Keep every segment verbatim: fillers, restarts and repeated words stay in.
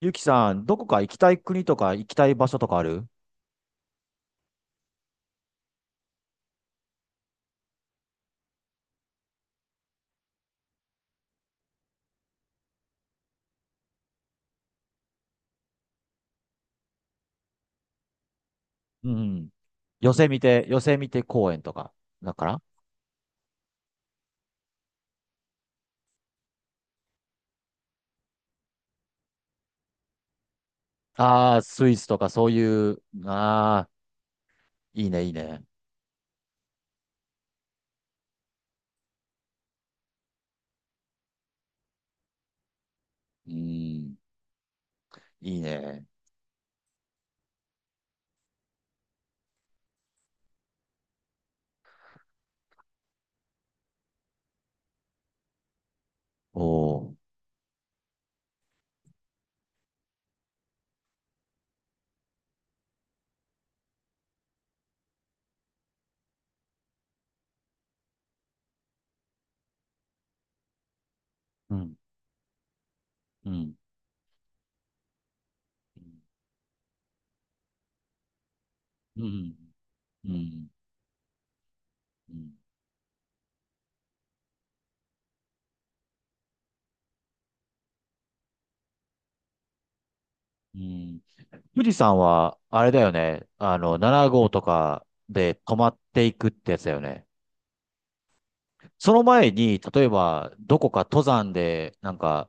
ゆきさん、どこか行きたい国とか行きたい場所とかある？うん。ヨセミテ、ヨセミテ公園とか。だから。ああー、スイスとかそういう、ああ、いいね、いいね。うん、いいね。おー。うん、うん、うん、うん、うん。うん。富士山は、あれだよね。あの、ななごう号とかで泊まっていくってやつだよね。その前に、例えば、どこか登山で、なんか、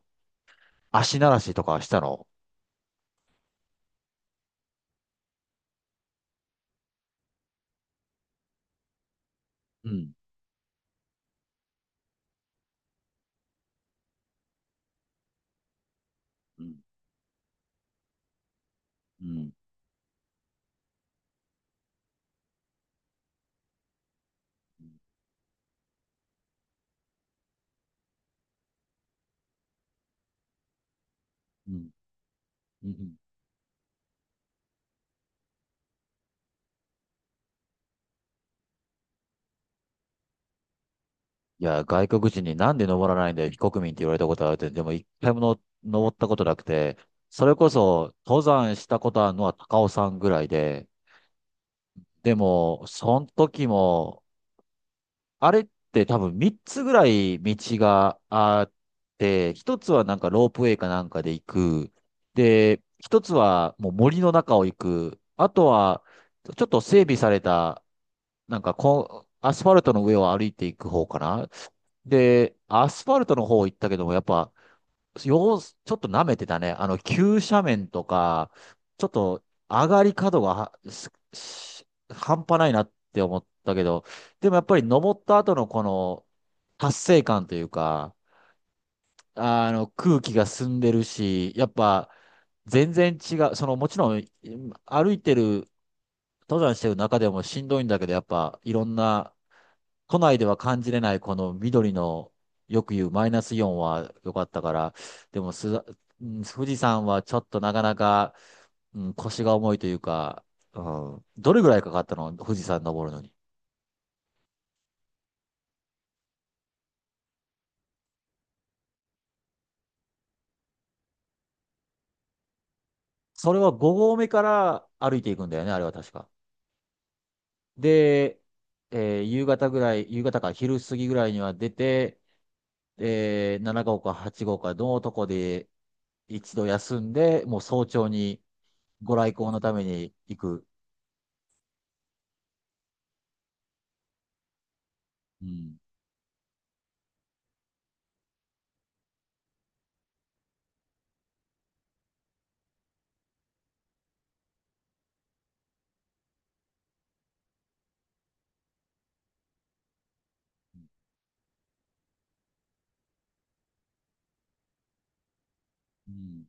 足慣らしとかしたの？うん。うん。うん。うん。いや、外国人になんで登らないんだよ、非国民って言われたことあるって、でも一回もの登ったことなくて、それこそ登山したことあるのは高尾山ぐらいで、でも、その時も、あれって多分みっつぐらい道があって、一つはなんかロープウェイかなんかで行く。で、ひとつはもう森の中を行く。あとは、ちょっと整備されたなんかこう、アスファルトの上を歩いていく方かな。で、アスファルトの方行ったけども、やっぱ、よう、ちょっと舐めてたね。あの、急斜面とか、ちょっと上がり角がはすし半端ないなって思ったけど、でもやっぱり登った後のこの達成感というか、あの、空気が澄んでるし、やっぱ、全然違う。その、もちろん、歩いてる登山してる中でもしんどいんだけど、やっぱいろんな、都内では感じれないこの緑の、よく言うマイナスイオンは良かったから、でもす、うん。富士山はちょっとなかなか、うん、腰が重いというか、うん、どれぐらいかかったの富士山登るのに？それはご合目から歩いていくんだよね、あれは確か。で、えー夕方ぐらい、夕方か昼過ぎぐらいには出て、で、ななごう号かはちごう号かのとこで一度休んで、もう早朝にご来光のために行く。うん。うん。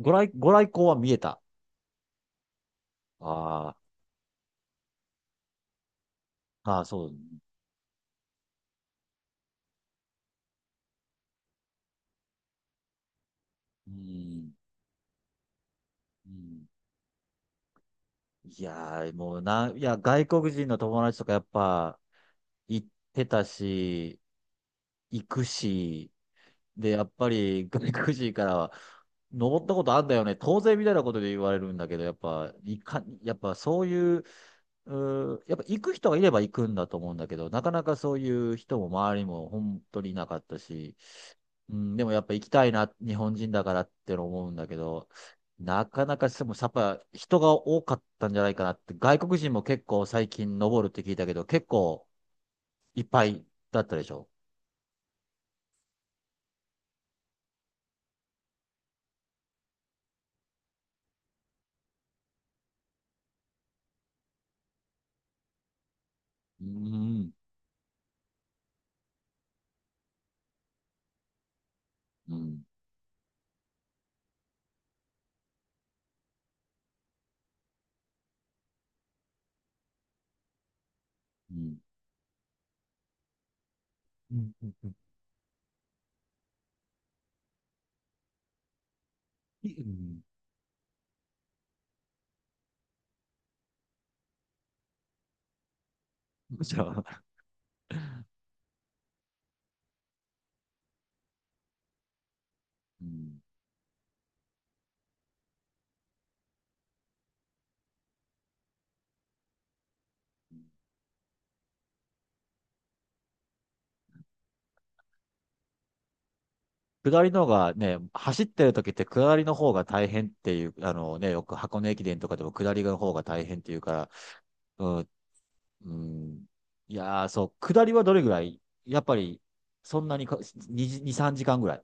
ご来、ご来光は見えた？ああ、ああ、そう。うん。うん。いやー、もうな、いや、外国人の友達とかやっぱ行ってたし、行くし、で、やっぱり外国人からは、登ったことあんだよね。当然みたいなことで言われるんだけど、やっぱ、いか、やっぱそういう。うん、やっぱ行く人がいれば行くんだと思うんだけど、なかなかそういう人も周りも本当になかったし、うん。でもやっぱ行きたいな日本人だからって思うんだけど、なかなかしてもやっぱ人が多かったんじゃないかなって外国人も結構最近登るって聞いたけど、結構いっぱいだったでしょ？うん。うん。うん。うん。うん。むしろ。下りの方がね、走ってる時って下りの方が大変っていう、あのね、よく箱根駅伝とかでも下りの方が大変っていうから、うん、うん、いやー、そう、下りはどれぐらいやっぱり、そんなにか、に、に、さんじかんぐらい。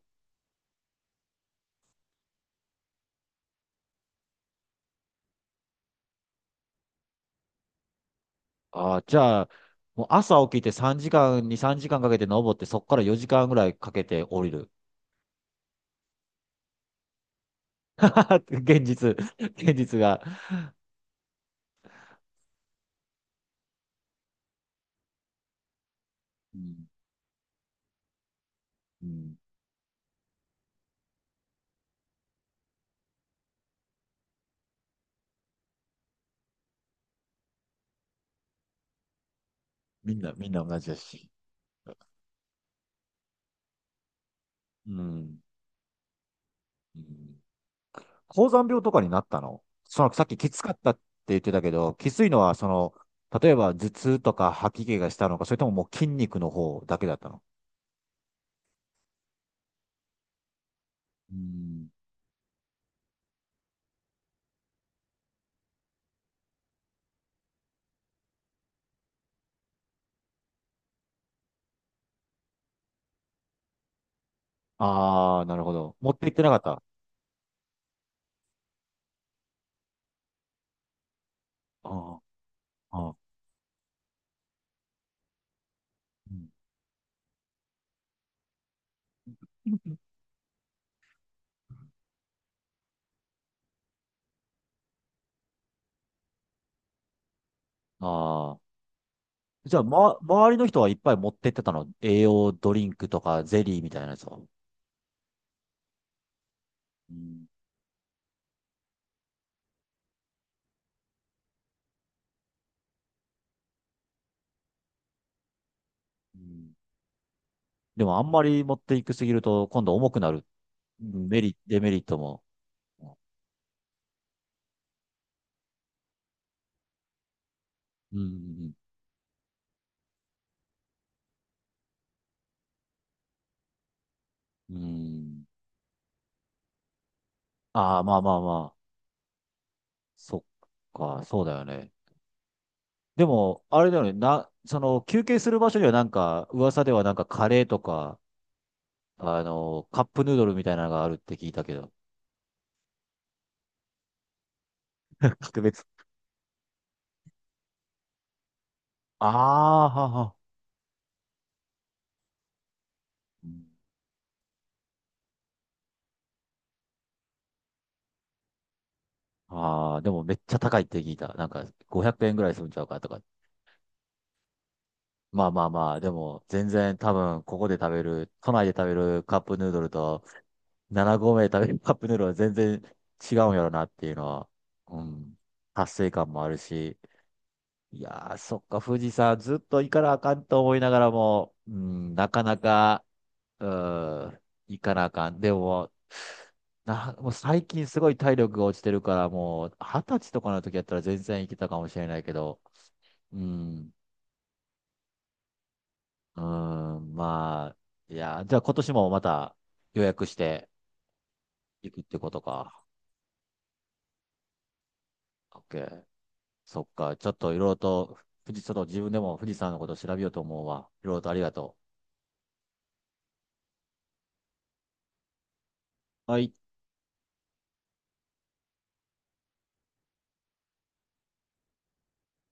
ああ、じゃあ、もう朝起きてさんじかん、に、さんじかんかんかけて登って、そこからよじかんぐらいかけて降りる。現実、現実が。うん、うん、みんな、みんな同じだし。うん。うん。高山病とかになったのその、さっききつかったって言ってたけど、きついのは、その、例えば頭痛とか吐き気がしたのか、それとももう筋肉の方だけだったの？うん。ああ、なるほど。持って行ってなかった？ああ、ああ。じゃあ、ま、周りの人はいっぱい持ってってたの栄養ドリンクとかゼリーみたいなやつを？うん。うん。でも、あんまり持っていくすぎると、今度重くなる。うん。メリ、デメリットも。うん。うん。ああ、まあまあま、そっか、そうだよね。でも、あれだよね、な、その、休憩する場所にはなんか、噂ではなんかカレーとか、あの、カップヌードルみたいなのがあるって聞いたけど。格別。ああ、はは。うん。ああ、でもめっちゃ高いって聞いた。なんか、ごひゃくえんぐらいするんちゃうかとか。まあまあまあ、でも、全然多分、ここで食べる、都内で食べるカップヌードルと、なな合目で食べる カップヌードルは全然違うんやろなっていうのは、うん、達成感もあるし、いやー、そっか、富士山ずっと行かなあかんと思いながらも、うん、なかなか、うん、行かなあかん。でも、な、もう最近すごい体力が落ちてるから、もうはたちとかの時やったら全然行けたかもしれないけど、うん、うん、まあ、いやー、じゃあ今年もまた予約して行くってことか？OK。そっか、ちょっといろいろと、富士、ちょっと自分でも富士山のこと調べようと思うわ。いろいろとありがとう。はい。